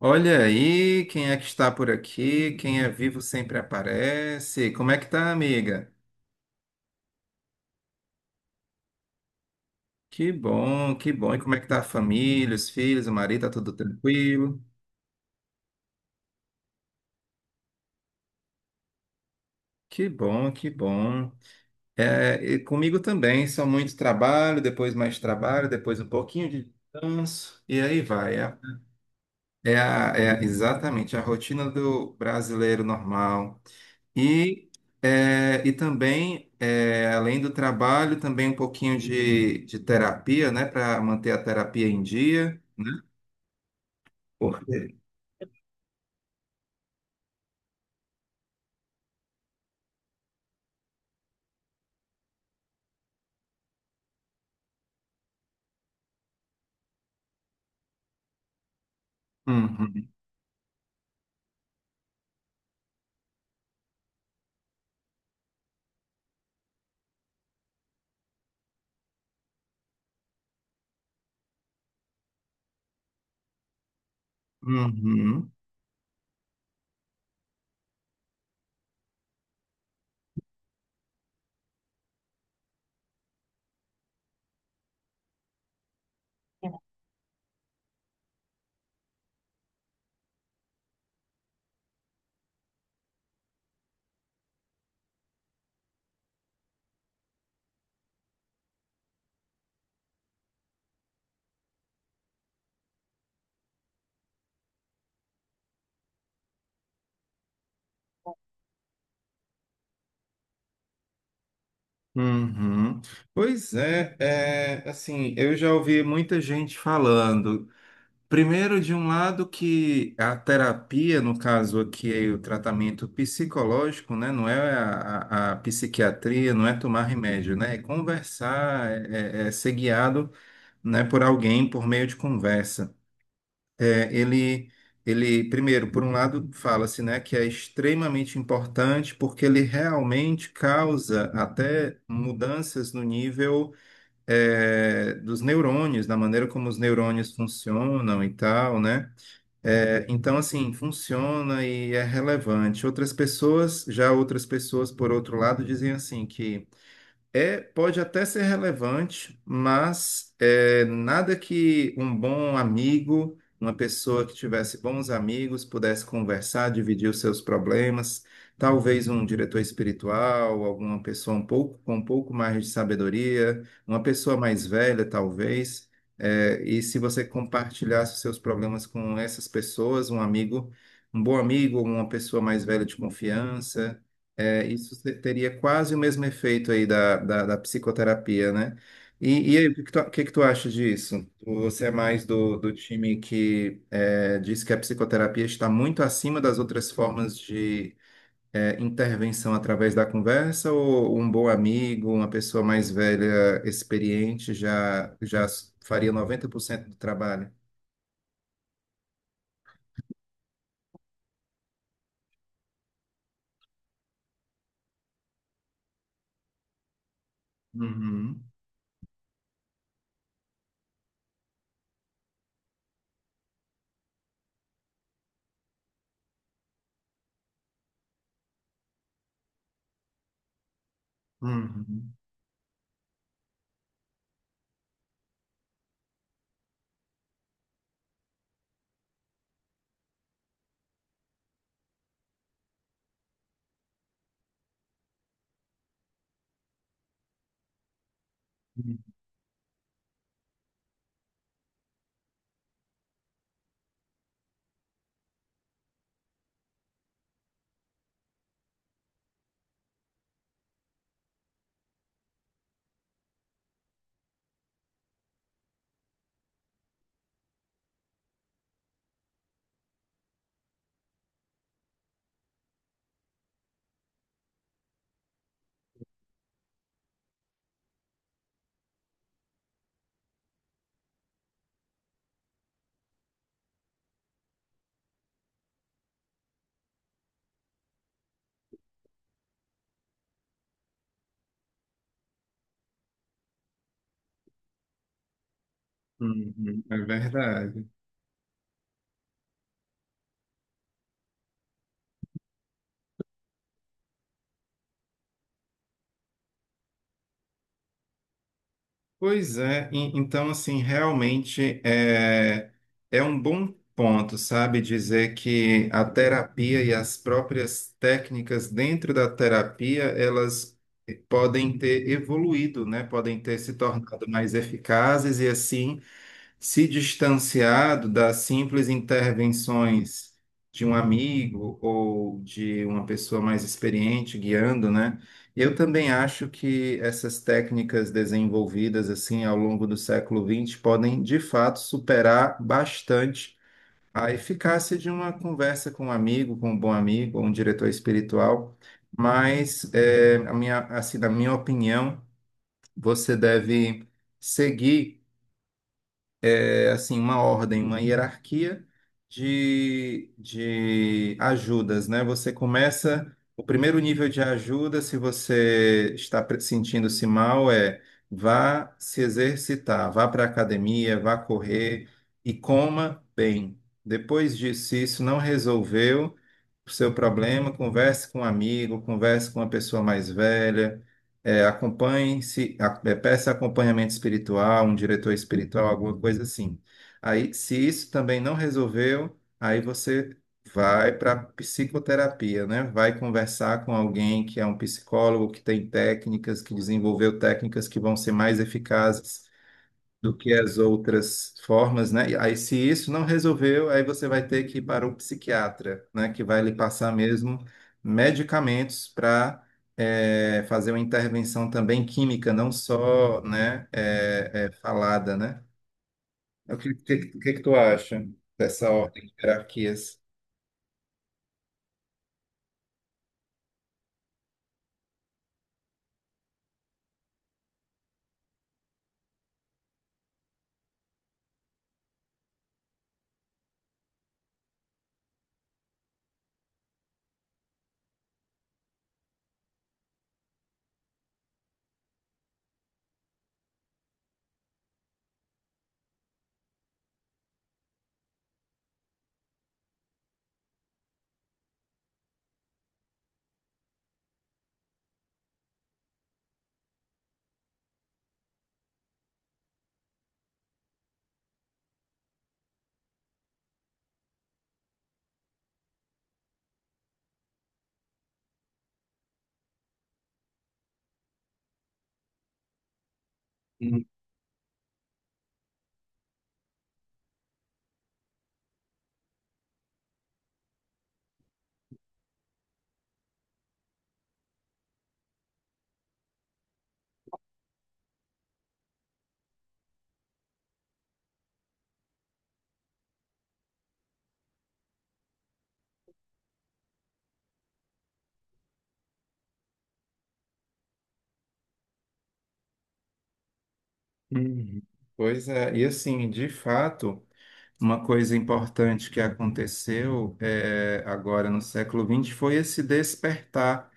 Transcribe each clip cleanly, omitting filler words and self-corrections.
Olha aí, quem é que está por aqui? Quem é vivo sempre aparece. Como é que tá, amiga? Que bom, que bom. E como é que tá a família, os filhos, o marido, tá tudo tranquilo? Que bom, que bom. É, e comigo também, só muito trabalho, depois mais trabalho, depois um pouquinho de descanso, e aí vai. É, é exatamente a rotina do brasileiro normal. E, e também, além do trabalho, também um pouquinho de terapia, né? Para manter a terapia em dia, né? Porque... Uhum, uhum, uhum. Pois é, é, assim, eu já ouvi muita gente falando. Primeiro, de um lado, que a terapia, no caso aqui, é o tratamento psicológico, né? Não é a psiquiatria, não é tomar remédio, né? É conversar, é ser guiado, né, por alguém por meio de conversa. É, ele, ele, primeiro, por um lado, fala-se, né, que é extremamente importante porque ele realmente causa até mudanças no nível, dos neurônios, da maneira como os neurônios funcionam e tal, né? É, então, assim, funciona e é relevante. Outras pessoas, já outras pessoas, por outro lado, dizem assim que pode até ser relevante, mas é nada que um bom amigo, uma pessoa que tivesse bons amigos, pudesse conversar, dividir os seus problemas. Talvez um diretor espiritual, alguma pessoa um pouco, com um pouco mais de sabedoria, uma pessoa mais velha, talvez. É, e se você compartilhasse os seus problemas com essas pessoas, um amigo, um bom amigo, uma pessoa mais velha de confiança, teria quase o mesmo efeito aí da psicoterapia, né? E aí, o que que tu acha disso? Você é mais do time que diz que a psicoterapia está muito acima das outras formas de intervenção através da conversa, ou um bom amigo, uma pessoa mais velha, experiente, já faria 90% do trabalho? Uhum, uhum, uhum, é verdade. Pois é, então assim, realmente é, é um bom ponto, sabe, dizer que a terapia e as próprias técnicas dentro da terapia, elas podem ter evoluído, né? Podem ter se tornado mais eficazes e assim se distanciado das simples intervenções de um amigo ou de uma pessoa mais experiente guiando, né? Eu também acho que essas técnicas desenvolvidas assim ao longo do século XX podem de fato superar bastante a eficácia de uma conversa com um amigo, com um bom amigo, ou um diretor espiritual. Mas, a minha, assim, na minha opinião, você deve seguir assim, uma ordem, uma hierarquia de ajudas, né? Você começa, o primeiro nível de ajuda, se você está sentindo-se mal, é, vá se exercitar, vá para a academia, vá correr e coma bem. Depois disso, se isso não resolveu o seu problema, converse com um amigo, converse com uma pessoa mais velha, acompanhe-se, peça acompanhamento espiritual, um diretor espiritual, alguma coisa assim. Aí, se isso também não resolveu, aí você vai para psicoterapia, né? Vai conversar com alguém que é um psicólogo, que tem técnicas, que desenvolveu técnicas que vão ser mais eficazes do que as outras formas, né? E aí, se isso não resolveu, aí você vai ter que ir para o psiquiatra, né? Que vai lhe passar mesmo medicamentos para fazer uma intervenção também química, não só, né? Falada, né? Que tu acha dessa ordem de hierarquias? Uhum. Pois é, e assim, de fato, uma coisa importante que aconteceu é, agora no século XX foi esse despertar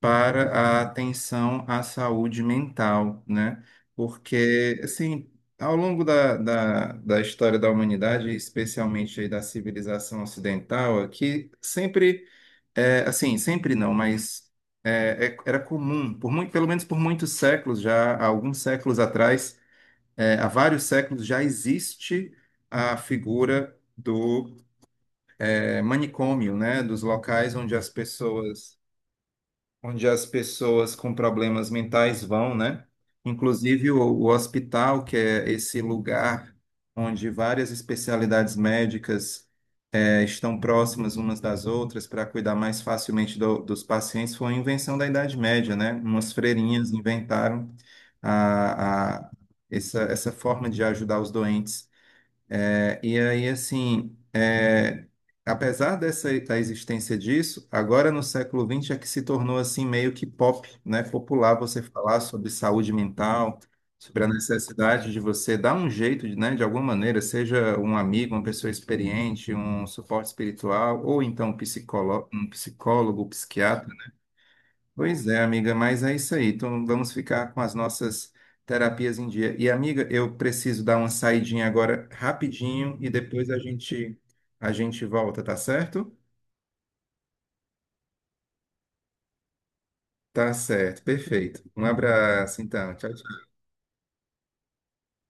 para a atenção à saúde mental, né? Porque, assim, ao longo da história da humanidade, especialmente aí da civilização ocidental, aqui sempre... É, assim, sempre não, mas era comum, por muito, pelo menos por muitos séculos já, há alguns séculos atrás, há vários séculos já existe a figura do manicômio, né, dos locais onde as pessoas, onde as pessoas com problemas mentais vão, né? Inclusive o hospital, que é esse lugar onde várias especialidades médicas estão próximas umas das outras para cuidar mais facilmente dos pacientes, foi uma invenção da Idade Média, né? Umas freirinhas inventaram a, a- essa forma de ajudar os doentes. É, e aí, assim, é, apesar dessa, da existência disso, agora no século XX é que se tornou assim meio que pop, né? Popular você falar sobre saúde mental, sobre a necessidade de você dar um jeito, né? De alguma maneira, seja um amigo, uma pessoa experiente, um suporte espiritual, ou então um psicólogo. Pois é, amiga, mas é isso aí. Então vamos ficar com as nossas terapias em dia. E amiga, eu preciso dar uma saidinha agora rapidinho e depois a gente volta, tá certo? Tá certo, perfeito. Um abraço, então. Tchau.